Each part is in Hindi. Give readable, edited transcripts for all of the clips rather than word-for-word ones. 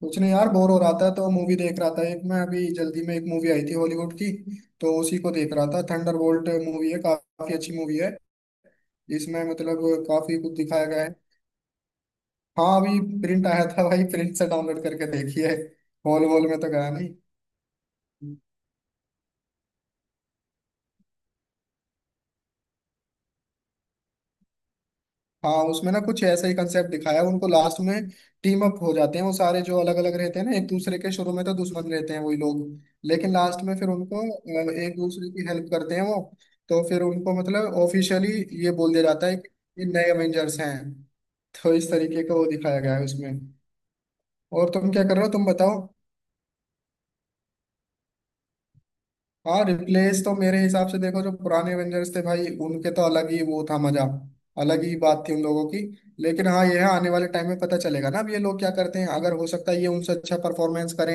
कुछ नहीं यार। बोर हो रहा था तो मूवी देख रहा था। एक मैं अभी जल्दी में, एक मूवी आई थी हॉलीवुड की, तो उसी को देख रहा था। थंडरबोल्ट मूवी है, काफी अच्छी मूवी है। इसमें मतलब काफी कुछ दिखाया गया है। हाँ, अभी प्रिंट आया था भाई, प्रिंट से डाउनलोड करके देखी है। हॉल वॉल में तो गया नहीं। हाँ, उसमें ना कुछ ऐसा ही कंसेप्ट दिखाया, उनको लास्ट में टीम अप हो जाते हैं वो सारे जो अलग अलग रहते हैं ना, एक दूसरे के शुरू में तो दुश्मन रहते हैं वही लोग। लेकिन लास्ट में फिर उनको एक दूसरे की हेल्प करते हैं वो। तो फिर उनको मतलब ऑफिशियली ये बोल दिया जाता है कि ये नए एवेंजर्स हैं। तो इस तरीके का वो दिखाया गया है उसमें। और तुम क्या कर रहे हो, तुम बताओ। हाँ, रिप्लेस तो मेरे हिसाब से देखो, जो पुराने एवेंजर्स थे भाई, उनके तो अलग ही वो था मजा, अलग ही बात थी उन लोगों की। लेकिन हाँ, यह आने वाले टाइम में पता चलेगा ना अब ये लोग क्या करते हैं। अगर हो सकता है ये उनसे अच्छा परफॉर्मेंस करें,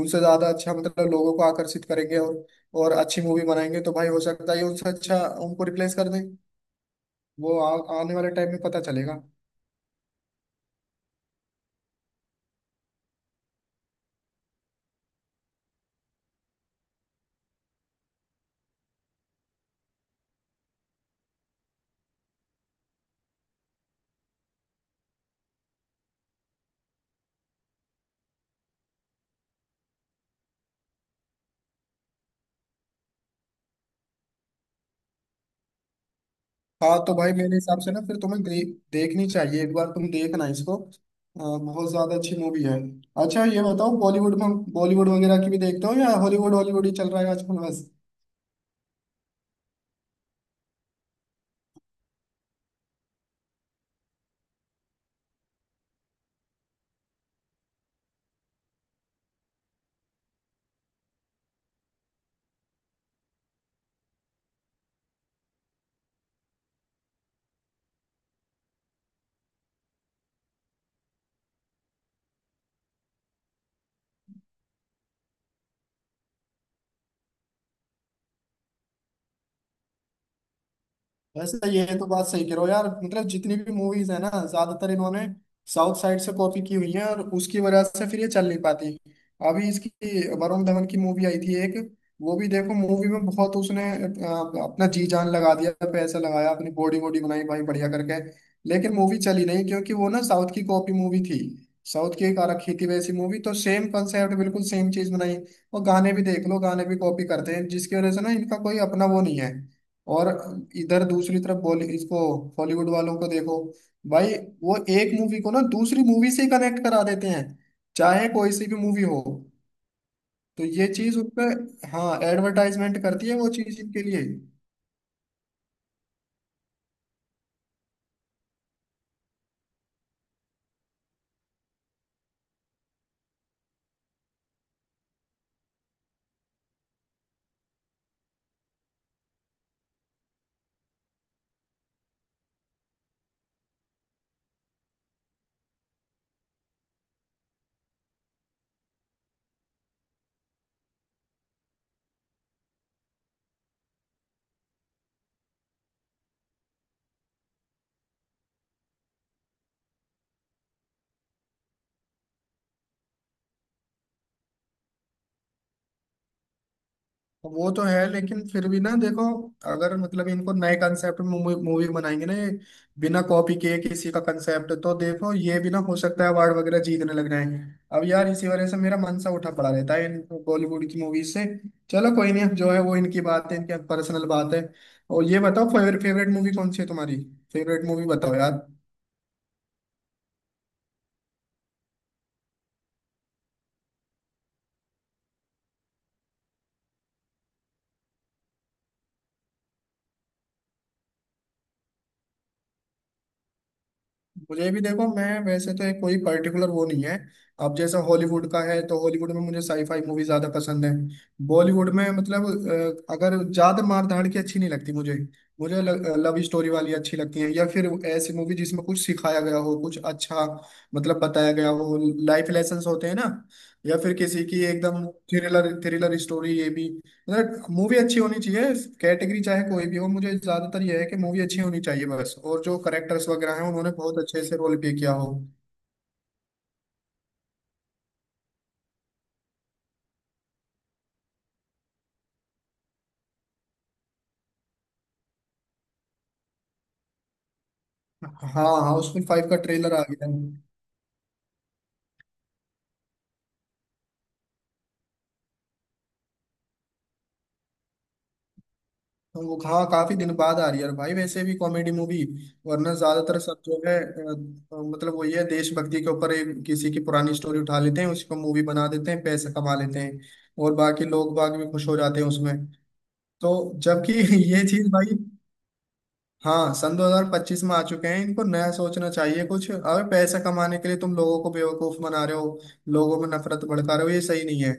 उनसे ज्यादा अच्छा मतलब लोगों को आकर्षित करेंगे, और अच्छी मूवी बनाएंगे, तो भाई हो सकता है ये उनसे अच्छा, उनको रिप्लेस कर दें। वो आने वाले टाइम में पता चलेगा। हाँ तो भाई मेरे हिसाब से ना, फिर तुम्हें देखनी चाहिए, एक बार तुम देखना इसको, बहुत ज्यादा अच्छी मूवी है। अच्छा ये बताओ, बॉलीवुड वगैरह की भी देखते हो, या हॉलीवुड हॉलीवुड ही चल रहा है आजकल बस। वैसे तो ये तो बात सही कह रहे हो यार, मतलब जितनी भी मूवीज है ना, ज्यादातर इन्होंने साउथ साइड से कॉपी की हुई है, और उसकी वजह से फिर ये चल नहीं पाती। अभी इसकी, वरुण धवन की मूवी आई थी एक, वो भी देखो, मूवी में बहुत उसने अपना जी जान लगा दिया, पैसा लगाया, अपनी बॉडी वॉडी बनाई भाई बढ़िया करके। लेकिन मूवी चली नहीं क्योंकि वो ना साउथ की कॉपी मूवी थी। साउथ की एक आ रखी थी वैसी मूवी, तो सेम कंसेप्ट बिल्कुल सेम चीज बनाई। और गाने भी देख लो, गाने भी कॉपी करते हैं, जिसकी वजह से ना इनका कोई अपना वो नहीं है। और इधर दूसरी तरफ बॉली इसको, हॉलीवुड वालों को देखो भाई, वो एक मूवी को ना दूसरी मूवी से कनेक्ट करा देते हैं, चाहे कोई सी भी मूवी हो। तो ये चीज उन पे, हाँ, एडवर्टाइजमेंट करती है वो चीज इनके लिए। वो तो है, लेकिन फिर भी ना देखो, अगर मतलब इनको नए कंसेप्ट में मूवी बनाएंगे ना ये, बिना कॉपी किए किसी का कंसेप्ट, तो देखो ये भी ना हो सकता है अवार्ड वगैरह जीतने लग जाए। अब यार इसी वजह से मेरा मन सा उठा पड़ा रहता है इन बॉलीवुड की मूवीज से। चलो कोई नहीं, अब जो है वो इनकी बात है, इनकी पर्सनल बात है। और ये बताओ, फेवरेट फेवरेट मूवी कौन सी है तुम्हारी, फेवरेट मूवी बताओ यार। मुझे भी देखो, मैं वैसे तो एक कोई पर्टिकुलर वो नहीं है। अब जैसा हॉलीवुड का है, तो हॉलीवुड में मुझे साईफाई मूवी ज्यादा पसंद है। बॉलीवुड में मतलब अगर ज्यादा मार धाड़ की अच्छी नहीं लगती मुझे, मुझे लव स्टोरी वाली अच्छी लगती है, या फिर ऐसी मूवी जिसमें कुछ सिखाया गया हो, कुछ अच्छा मतलब बताया गया हो, लाइफ लेसन होते हैं ना, या फिर किसी की एकदम थ्रिलर थ्रिलर स्टोरी, ये भी, मतलब मूवी अच्छी होनी चाहिए। कैटेगरी चाहे कोई भी हो, मुझे ज्यादातर यह है कि मूवी अच्छी होनी चाहिए बस, और जो करेक्टर्स वगैरह हैं उन्होंने बहुत अच्छे से रोल प्ले किया हो। हाँ हाँ, उसमें फाइव का ट्रेलर आ गया है। तो वो हाँ काफी दिन बाद आ रही है, और भाई वैसे भी कॉमेडी मूवी। वरना ज्यादातर सब जो है मतलब वो ये है, देशभक्ति के ऊपर एक किसी की पुरानी स्टोरी उठा लेते हैं, उसको मूवी बना देते हैं, पैसे कमा लेते हैं, और बाकी लोग बाग भी खुश हो जाते हैं उसमें। तो जबकि ये चीज भाई, हाँ सन 2025 में आ चुके हैं, इनको नया सोचना चाहिए कुछ। अगर पैसा कमाने के लिए तुम लोगों को बेवकूफ बना रहे हो, लोगों में नफरत भड़का रहे हो, ये सही नहीं है।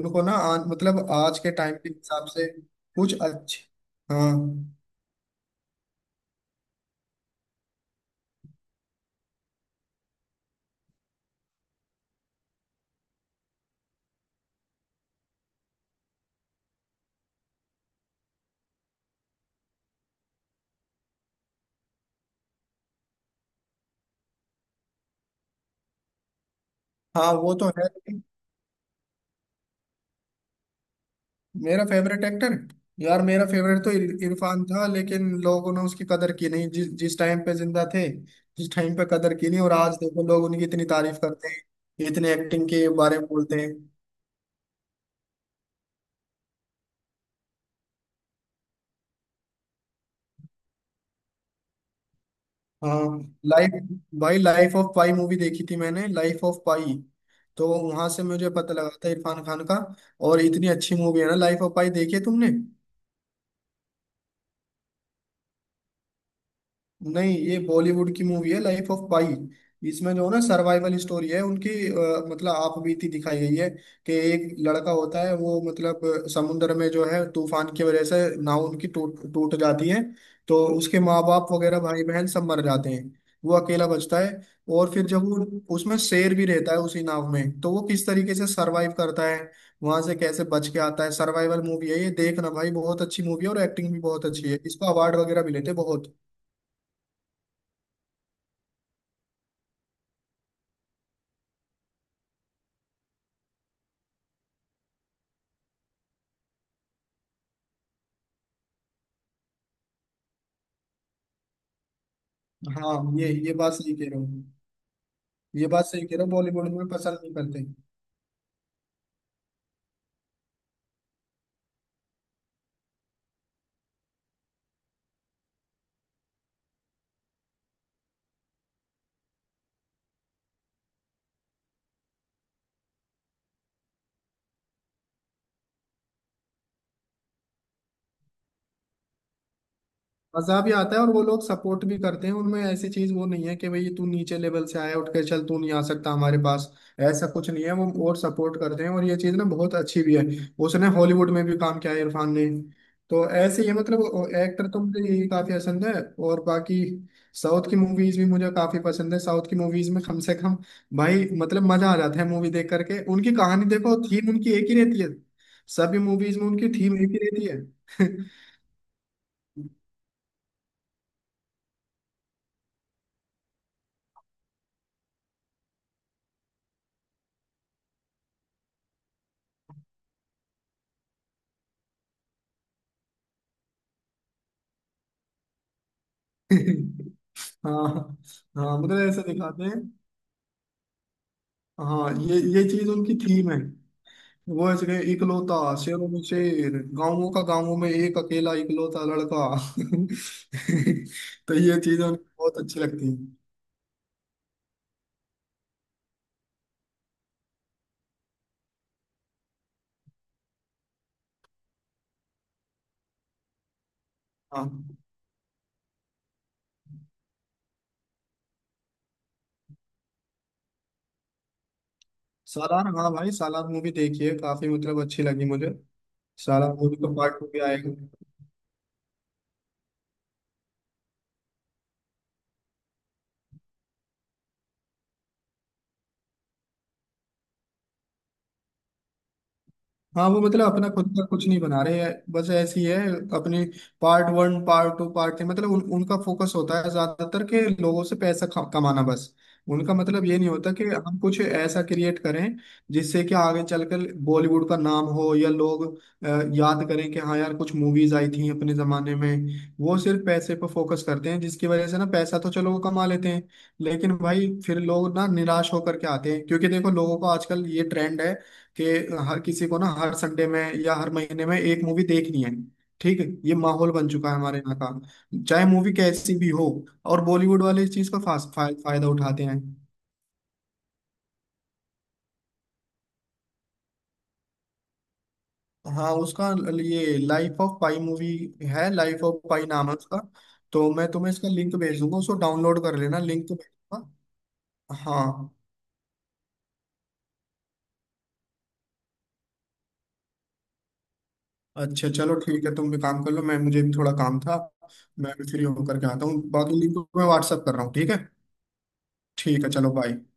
उनको ना आज मतलब आज के टाइम के हिसाब से कुछ अच्छे, हाँ हाँ, वो तो है लेकिन, मेरा फेवरेट एक्टर, यार मेरा फेवरेट तो इरफान था। लेकिन लोगों ने उसकी कदर की नहीं जिस जिस टाइम पे जिंदा थे, जिस टाइम पे कदर की नहीं, और आज देखो लोग उनकी इतनी तारीफ करते हैं, इतने एक्टिंग के बारे में बोलते हैं। हाँ, लाइफ, भाई लाइफ ऑफ पाई मूवी देखी थी मैंने, लाइफ ऑफ पाई, तो वहां से मुझे पता लगा था इरफान खान का। और इतनी अच्छी मूवी है ना लाइफ ऑफ पाई, देखी है तुमने? नहीं ये बॉलीवुड की मूवी है लाइफ ऑफ पाई। इसमें जो है ना सर्वाइवल स्टोरी है उनकी, मतलब आपबीती दिखाई गई है कि एक लड़का होता है, वो मतलब समुद्र में जो है तूफान की वजह से नाव उनकी टूट टूट जाती है, तो उसके माँ बाप वगैरह भाई बहन सब मर जाते हैं, वो अकेला बचता है। और फिर जब वो, उसमें शेर भी रहता है उसी नाव में, तो वो किस तरीके से सरवाइव करता है, वहां से कैसे बच के आता है। सर्वाइवल मूवी है ये, देखना भाई बहुत अच्छी मूवी है, और एक्टिंग भी बहुत अच्छी है, इसका अवार्ड वगैरह भी लेते हैं बहुत। हाँ ये बात सही कह रहा हूँ, ये बात सही कह रहा हूँ, बॉलीवुड में पसंद नहीं करते। मजा भी आता है, और वो लोग सपोर्ट भी करते हैं उनमें, ऐसी चीज वो नहीं है कि भाई तू नीचे लेवल से आया उठ के चल, तू नहीं आ सकता हमारे पास, ऐसा कुछ नहीं है वो, और सपोर्ट करते हैं, और ये चीज ना बहुत अच्छी भी है। उसने हॉलीवुड में भी काम किया है इरफान ने। तो ऐसे ही है, मतलब एक्टर तो मुझे यही काफी पसंद है, और बाकी साउथ की मूवीज भी मुझे काफी पसंद है। साउथ की मूवीज में कम से कम भाई मतलब मजा आ जाता है मूवी देख करके, उनकी कहानी देखो, थीम उनकी एक ही रहती है, सभी मूवीज में उनकी थीम एक ही रहती है। हाँ, हाँ मतलब ऐसे दिखाते हैं। हाँ ये चीज उनकी थीम है, वो ऐसे कहे, इकलौता, शेरों में शेर, गांवों का, गांवों में एक अकेला इकलौता लड़का। तो ये चीजें उनको बहुत अच्छी लगती हैं। हाँ, सालार, हाँ भाई सालार मूवी देखिए, काफी मतलब अच्छी लगी मुझे। सालार मूवी का पार्ट टू भी आएगा। हाँ वो मतलब अपना खुद का कुछ नहीं बना रहे हैं बस, ऐसी है अपने, part one part two part three, मतलब उनका फोकस होता है ज्यादातर के लोगों से पैसा कमाना बस। उनका मतलब ये नहीं होता कि हम कुछ ऐसा क्रिएट करें जिससे कि आगे चलकर बॉलीवुड का नाम हो, या लोग अ, याद करें कि हाँ यार कुछ मूवीज आई थी अपने जमाने में। वो सिर्फ पैसे पर फोकस करते हैं, जिसकी वजह से ना पैसा तो चलो वो कमा लेते हैं, लेकिन भाई फिर लोग ना निराश होकर के आते हैं। क्योंकि देखो लोगों को आजकल ये ट्रेंड है कि हर किसी को ना हर संडे में या हर महीने में एक मूवी देखनी है। ठीक है, ये माहौल बन चुका है हमारे यहाँ का, चाहे मूवी कैसी भी हो। और बॉलीवुड वाले इस चीज का फायदा उठाते हैं। हाँ, उसका ये लाइफ ऑफ पाई मूवी है, लाइफ ऑफ पाई नाम है उसका। तो मैं तुम्हें इसका लिंक भेज दूंगा, उसको डाउनलोड कर लेना, लिंक तो भेजूंगा। हाँ, अच्छा चलो ठीक है, तुम भी काम कर लो, मैं मुझे भी थोड़ा काम था। मैं भी फ्री होकर के आता हूँ, बाकी लिंक मैं व्हाट्सअप कर रहा हूँ, ठीक है। ठीक है चलो बाय।